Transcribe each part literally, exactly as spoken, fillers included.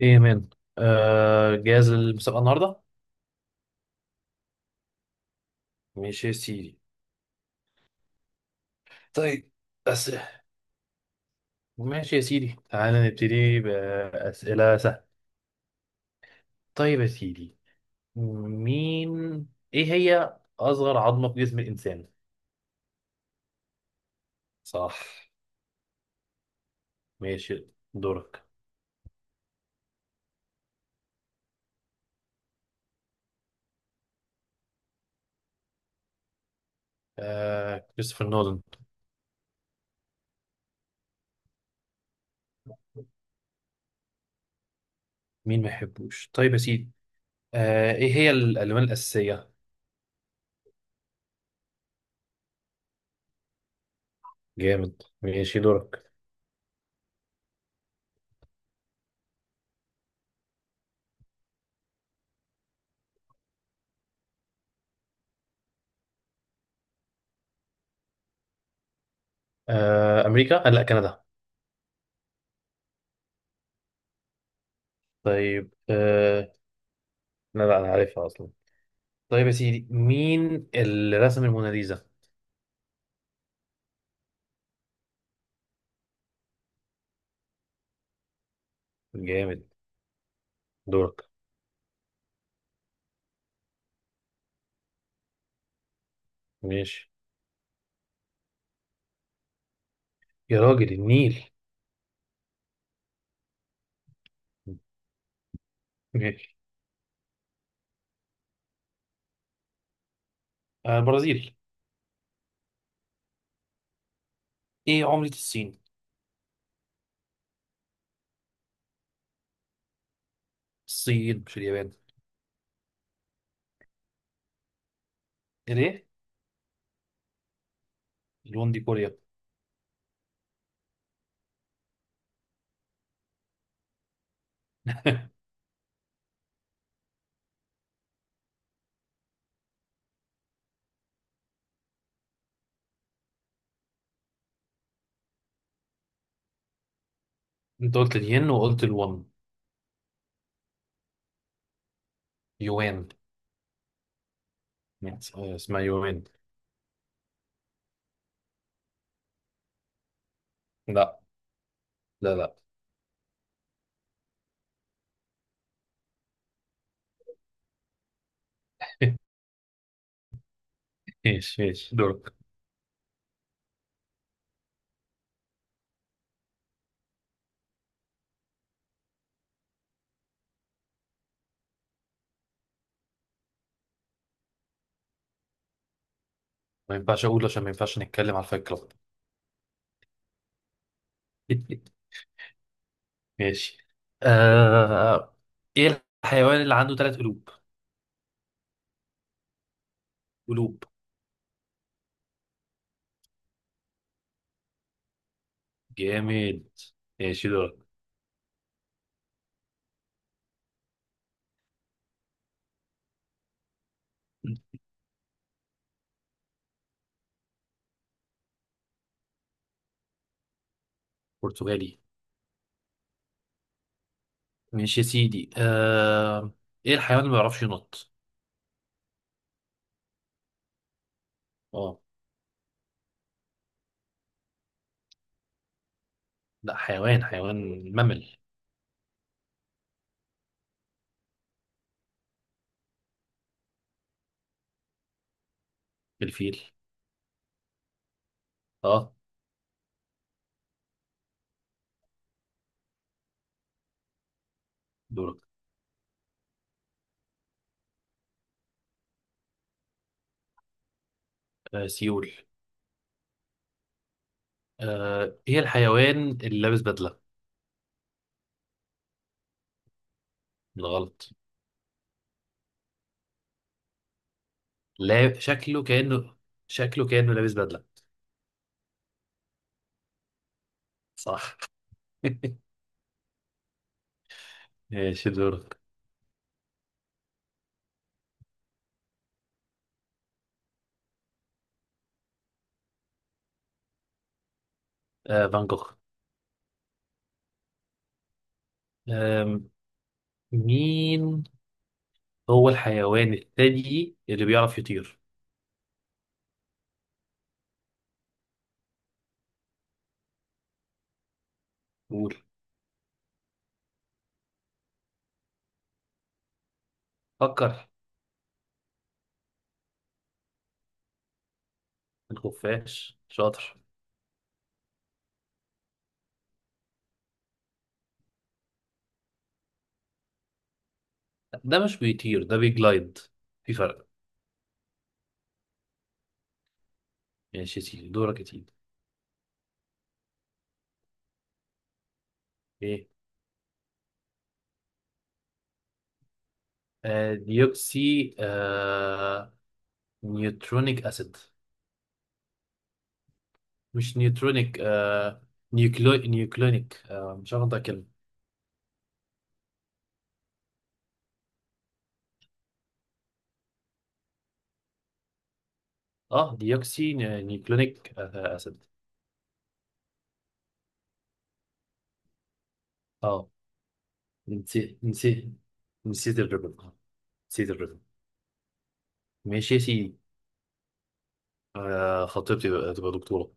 ايه يا مان. آه جاهز للمسابقة النهاردة؟ ماشي يا سيدي. طيب. بس. ماشي يا سيدي، تعالى نبتدي بأسئلة سهلة. طيب يا سيدي. مين ايه هي أصغر عظمة في جسم الإنسان؟ صح. ماشي. دورك. آه كريستوفر نولان. مين ما يحبوش؟ طيب يا سيدي. آه ايه هي الألوان الأساسية؟ جامد. ماشي دورك. آه أمريكا؟ آه لا، كندا. طيب. آه لا لا، أنا عارفها أصلا. طيب يا سيدي، مين اللي رسم الموناليزا؟ جامد. دورك. ماشي. يا راجل، النيل. ماشي. آه البرازيل. ايه عملة الصين؟ الصين مش اليابان. ليه؟ الون دي كوريا. انت قلت الين وقلت الون. يوان. ناس- آه، اسمها يوان. لا لا لا. ماشي ماشي، دورك. ما ينفعش اقول، عشان ما ينفعش نتكلم على الفايت كلاب. ماشي. آه... ايه الحيوان اللي عنده ثلاث قلوب؟ قلوب. جامد. ماشي دورك. برتغالي. ماشي يا سيدي. آه... ايه الحيوان اللي ما بيعرفش ينط؟ اه. لا، حيوان حيوان ممل. الفيل. اه. دورك. آه سيول. آه... ايه الحيوان اللي لابس بدلة؟ بالغلط. لا، شكله كأنه شكله كأنه لابس بدلة. صح. ماشي دورك. آه فان جوخ. آه... مين هو الحيوان الثدي اللي بيعرف يطير؟ قول. فكر. الخفاش. شاطر. ده مش بيطير، ده بيجلايد. في فرق. ماشي يا سيدي، دورك يا سيدي. ايه. آه ديوكسي آه نيوترونيك اسيد. مش نيوترونيك آه نيوكلو نيوكلونيك آه مش هاخد كلمة. اه ديوكسي ني- نيوكلونيك آه اسيد. اه، نسيت نسيت. نسيت الريبن آه، نسيت الريبن. ماشي يا سيدي. آه خطيبتي بقى- تبقى دكتورة.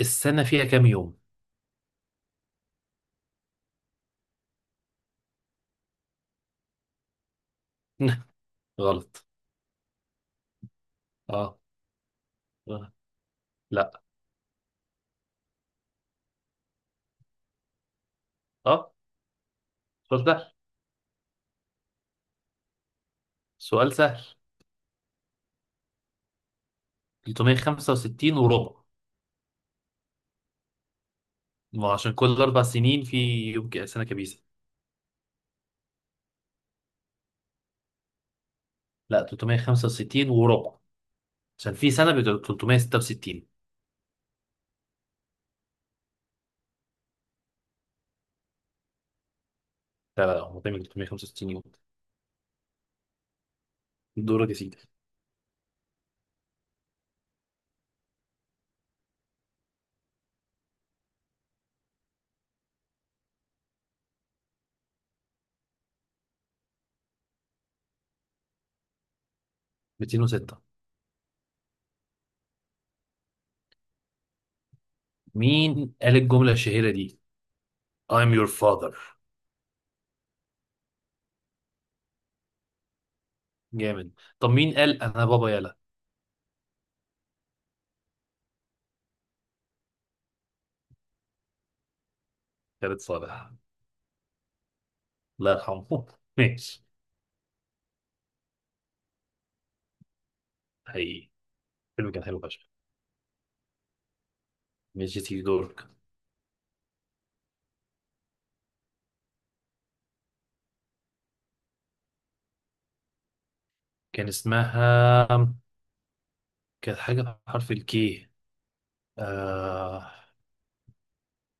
السنة فيها كام يوم؟ غلط. اه، آه، لا، اه سؤال سهل، سؤال سهل تلتمية وخمسة وستين وربع. ما هو عشان كل اربع سنين في يوم، ك- سنه كبيسه. لا، تلتمية وخمسة وستين وربع، عشان في سنه بتبقى تلتمية وستة وستين. لا لا لا، هو دايما تلتمية وخمسة وستين يوم. دورك يا سيدي. ميتين وستة. مين قال الجمله الشهيره دي I'm your father؟ جامد. طب مين قال انا بابا يلا؟ خالد صالح. الله يرحمه. ماشي. حقيقي، الفيلم كان حلو فشخ. ماشي يا سيدي، دورك. كان اسمها كانت حاجه بحرف الكي. آه...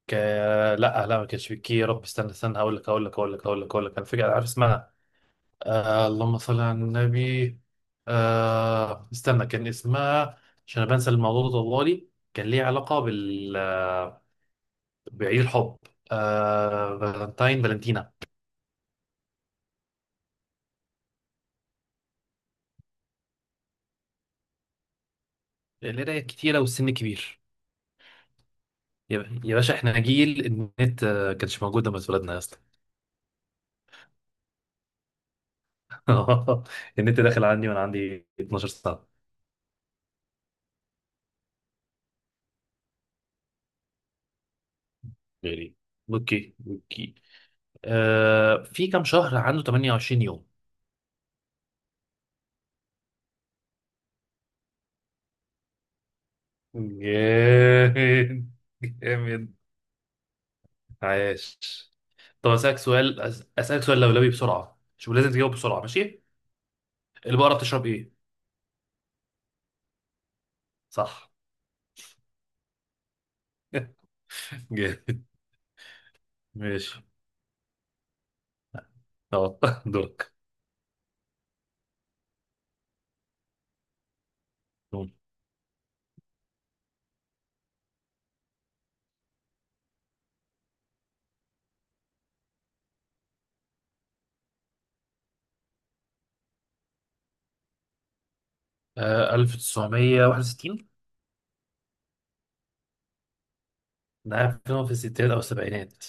ك... لا لا، ما كانش في كي. يا رب، استنى استنى، هقول لك هقول لك هقول لك هقول لك هقول لك، انا فاكر، عارف اسمها. آه اللهم صل على النبي. آه استنى، كان اسمها، عشان أنا بنسى الموضوع ده طوالي. كان ليه علاقة بال آه، بعيد الحب. آه فالنتاين فالنتينا. القراية كتيرة والسن كبير. يا يا باشا، احنا جيل النت، آه، كانش موجود لما اتولدنا يا اسطى. النت داخل عندي وانا عندي اثنا عشر سنة يعني. اوكي اوكي. آه في كام شهر عنده تمنية وعشرين يوم؟ جامد جامد. عاش. طب اسالك سؤال أس- اسالك سؤال لولبي بسرعه، شوف لازم تجاوب بسرعه. ماشي. البقره بتشرب ايه؟ صح. جامد. ماشي. اه. دورك. آه ألف وتسعمائة وواحد وستين. ده فيلم في الستينات او السبعينات.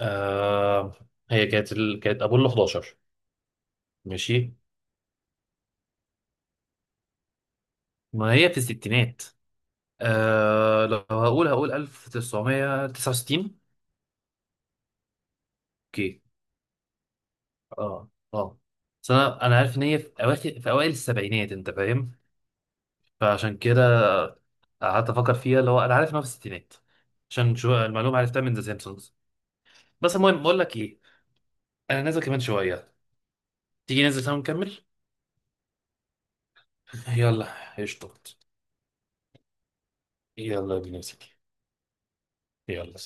آه هي كانت ال... كانت ابولو احداشر. ماشي. ما هي في الستينات. آه لو هقول، هقول ألف وتسعمائة وتسعة وستين. اوكي. اه اه. بس انا انا عارف ان هي في اواخر في اوائل السبعينات، انت فاهم. فعشان كده قعدت افكر فيها، اللي هو انا عارف ان هو في الستينات، عشان شو المعلومه عرفتها من ذا سيمبسونز. بس المهم بقول لك ايه، انا نازل كمان شويه، تيجي ننزل سوا نكمل؟ يلا قشطة. يلا بينا يا سيدي. يلا